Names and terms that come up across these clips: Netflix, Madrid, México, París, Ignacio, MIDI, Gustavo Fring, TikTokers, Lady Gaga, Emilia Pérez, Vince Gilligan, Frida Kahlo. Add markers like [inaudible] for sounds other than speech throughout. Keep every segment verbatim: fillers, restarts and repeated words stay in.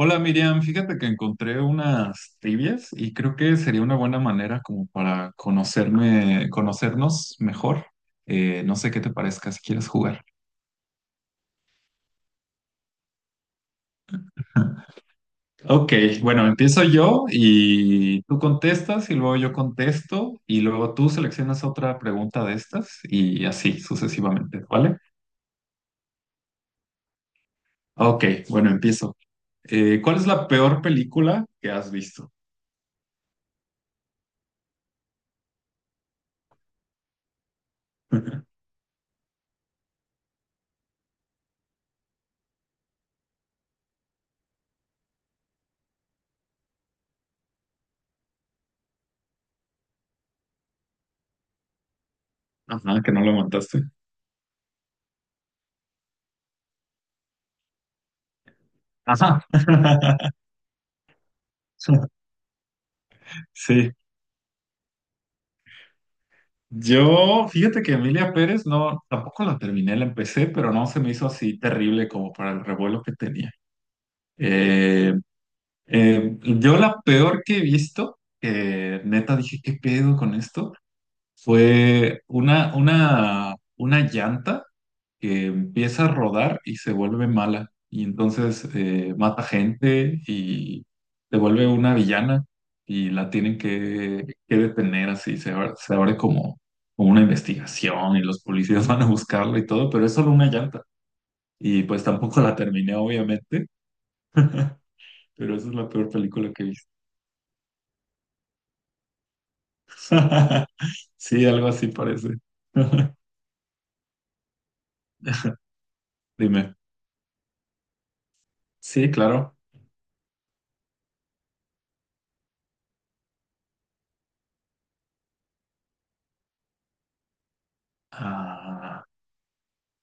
Hola Miriam, fíjate que encontré unas trivias y creo que sería una buena manera como para conocerme, conocernos mejor. Eh, no sé qué te parezca si quieres jugar. [laughs] Ok, bueno, empiezo yo y tú contestas y luego yo contesto y luego tú seleccionas otra pregunta de estas y así sucesivamente, ¿vale? Ok, bueno, empiezo. Eh, ¿cuál es la peor película que has visto? [laughs] Ajá, que no lo aguantaste. Ajá. [laughs] Sí. Yo, fíjate que Emilia Pérez no, tampoco la terminé, la empecé, pero no se me hizo así terrible como para el revuelo que tenía. Eh, eh, yo la peor que he visto, que neta dije, ¿qué pedo con esto? Fue una, una, una llanta que empieza a rodar y se vuelve mala. Y entonces eh, mata gente y se vuelve una villana y la tienen que, que detener así. Se, abre- se abre como, como una investigación y los policías [laughs] van a buscarla y todo, pero es solo una llanta. Y pues tampoco la terminé, obviamente, pero esa es la peor película que he visto. [laughs] Sí, algo así parece. [laughs] Dime. Sí, claro. Ah,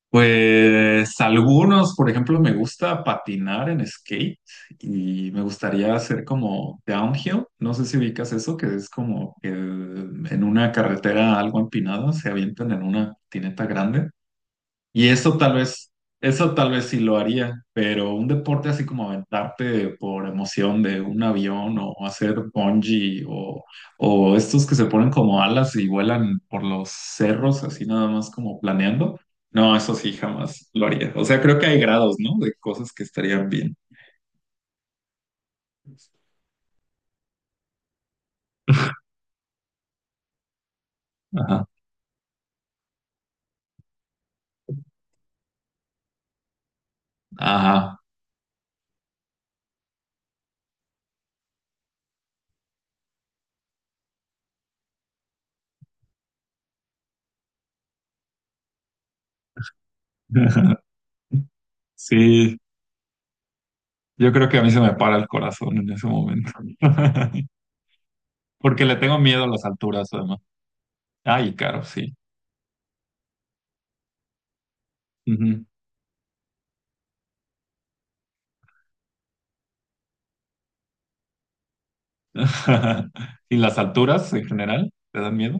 Pues algunos, por ejemplo, me gusta patinar en skate y me gustaría hacer como downhill. No sé si ubicas eso, que es como que en una carretera algo empinada se avientan en una patineta grande. Y eso tal vez, eso tal vez sí lo haría, pero un deporte así como aventarte por emoción de un avión o hacer bungee o, o estos que se ponen como alas y vuelan por los cerros así nada más como planeando, no, eso sí jamás lo haría. O sea, creo que hay grados, ¿no? De cosas que estarían bien. Ajá, ajá. [laughs] Sí, yo creo que a mí se me para el corazón en ese momento. [laughs] Porque le tengo miedo a las alturas, además. Ay, caro, sí. Ujú. [laughs] ¿Y las alturas en general te dan miedo?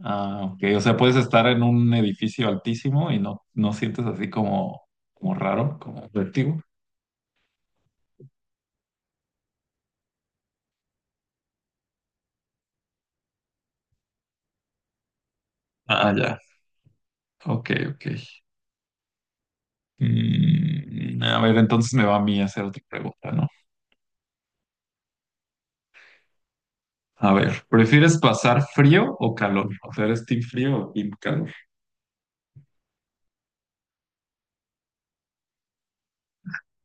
Ah, ok. O sea, puedes estar en un edificio altísimo y no, no sientes así como, como raro, como vértigo. Ah, ya. Ok, ok. Mm, a ver, entonces me va a mí hacer otra pregunta, ¿no? A ver, ¿prefieres pasar frío o calor? O sea, ¿eres team frío o team calor?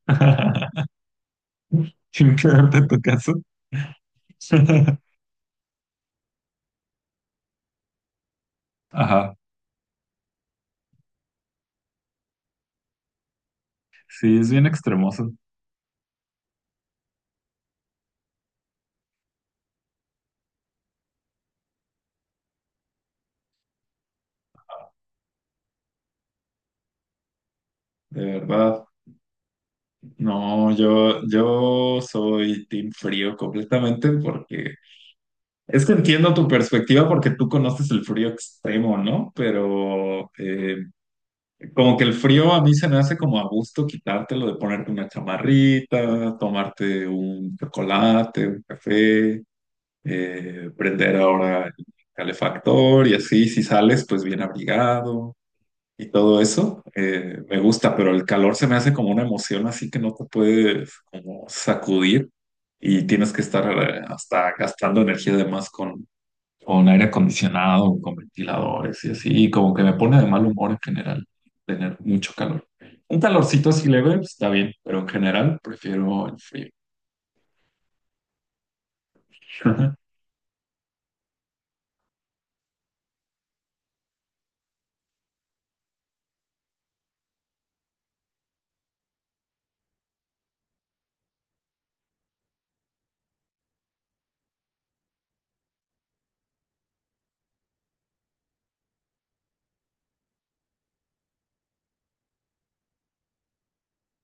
[laughs] Team calor en tu caso. [laughs] Ajá. Sí, es bien extremoso. De verdad. No, yo, yo soy team frío completamente porque es que entiendo tu perspectiva porque tú conoces el frío extremo, ¿no? Pero eh, como que el frío a mí se me hace como a gusto quitártelo de ponerte una chamarrita, tomarte un chocolate, un café, eh, prender ahora el calefactor y así, si sales pues bien abrigado y todo eso, eh, me gusta, pero el calor se me hace como una emoción así que no te puedes como sacudir y tienes que estar eh, hasta gastando energía de más con, con aire acondicionado, con ventiladores y así, y como que me pone de mal humor en general tener mucho calor. Un calorcito así leve pues, está bien, pero en general prefiero el frío. [laughs]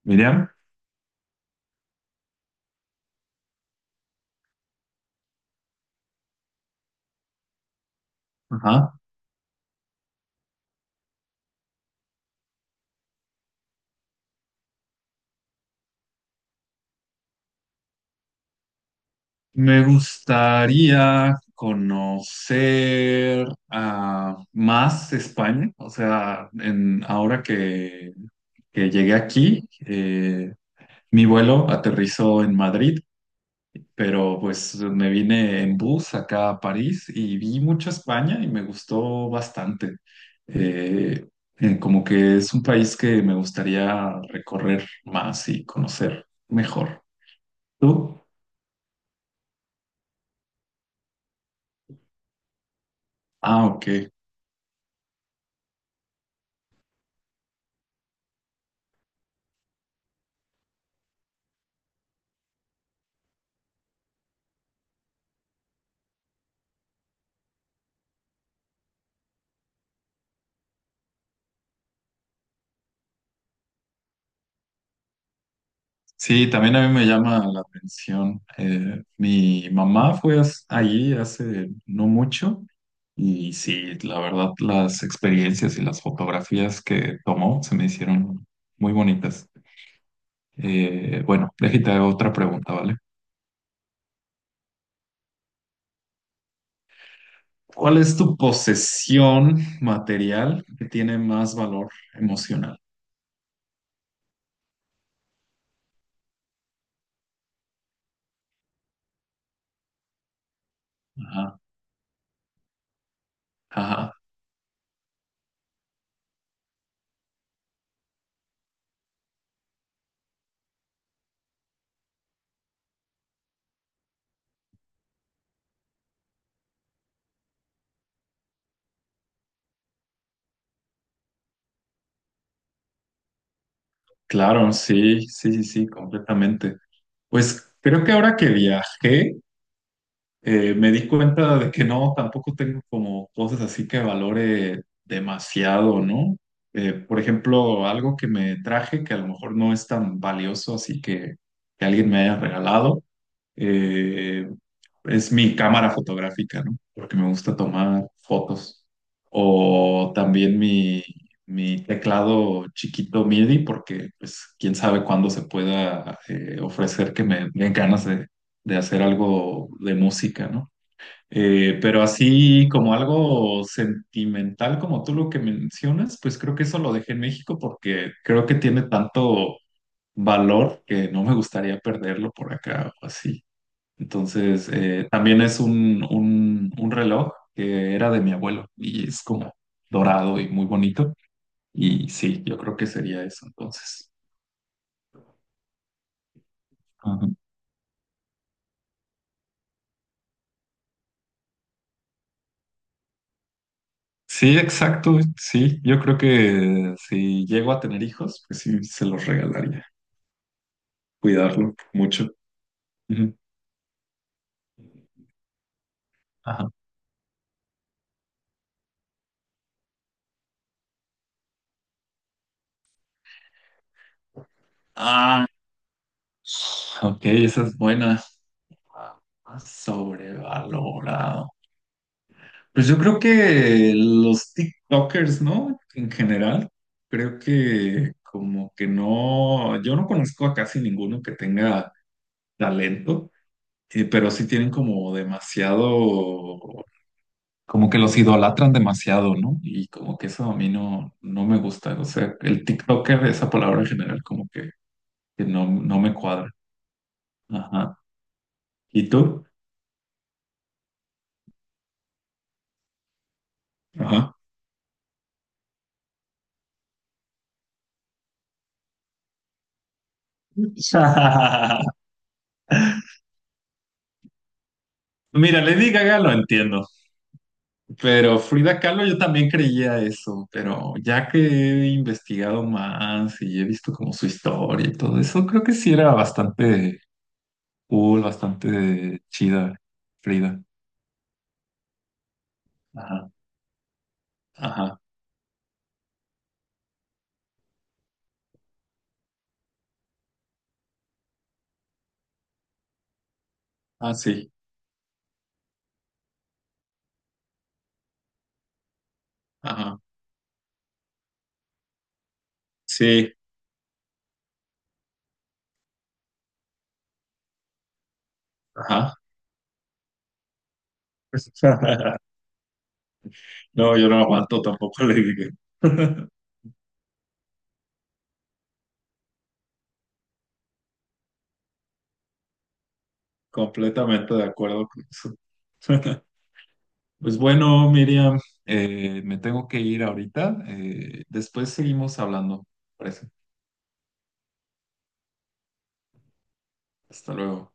Miriam, ajá. Me gustaría conocer a más España, o sea, en, ahora que, que llegué aquí, eh, mi vuelo aterrizó en Madrid, pero pues me vine en bus acá a París y vi mucho España y me gustó bastante. Eh, eh, Como que es un país que me gustaría recorrer más y conocer mejor. ¿Tú? Ah, ok. Sí, también a mí me llama la atención. Eh, mi mamá fue as- allí hace no mucho y sí, la verdad, las experiencias y las fotografías que tomó se me hicieron muy bonitas. Eh, bueno, déjate hago otra pregunta, ¿vale? ¿Cuál es tu posesión material que tiene más valor emocional? Ajá, ajá, claro, sí, sí, sí, sí, completamente. Pues creo que ahora que viajé, Eh, me di cuenta de que no, tampoco tengo como cosas así que valore demasiado, ¿no? Eh, por ejemplo, algo que me traje que a lo mejor no es tan valioso, así que, que alguien me haya regalado, eh, es mi cámara fotográfica, ¿no? Porque me gusta tomar fotos. O también mi, mi teclado chiquito MIDI, porque pues quién sabe cuándo se pueda eh, ofrecer que me den ganas de de hacer algo de música, ¿no? Eh, pero así como algo sentimental como tú lo que mencionas, pues creo que eso lo dejé en México porque creo que tiene tanto valor que no me gustaría perderlo por acá o así. Entonces, eh, también es un, un, un reloj que era de mi abuelo y es como dorado y muy bonito. Y sí, yo creo que sería eso entonces. Sí, exacto, sí. Yo creo que si llego a tener hijos, pues sí, se los regalaría. Cuidarlo mucho. Ujú. Ajá. Ah, ok, esa es buena. Ah, Sobrevalorado. Pues yo creo que los TikTokers, ¿no? En general, creo que como que no, yo no conozco a casi ninguno que tenga talento, eh, pero sí tienen como demasiado como que los idolatran demasiado, ¿no? Y como que eso a mí no, no me gusta. O sea, el TikToker, esa palabra en general, como que, que no, no me cuadra. Ajá. ¿Y tú? Ajá. [laughs] Mira, Lady Gaga lo entiendo, pero Frida Kahlo yo también creía eso, pero ya que he investigado más y he visto como su historia y todo eso, creo que sí era bastante cool, bastante chida, Frida. Ajá, ajá, ah, sí, ajá, sí. Ajá. [laughs] No, yo no aguanto tampoco le dije. [laughs] Completamente de acuerdo con eso. [laughs] Pues bueno, Miriam, eh, me tengo que ir ahorita. Eh, después seguimos hablando, parece. Hasta luego.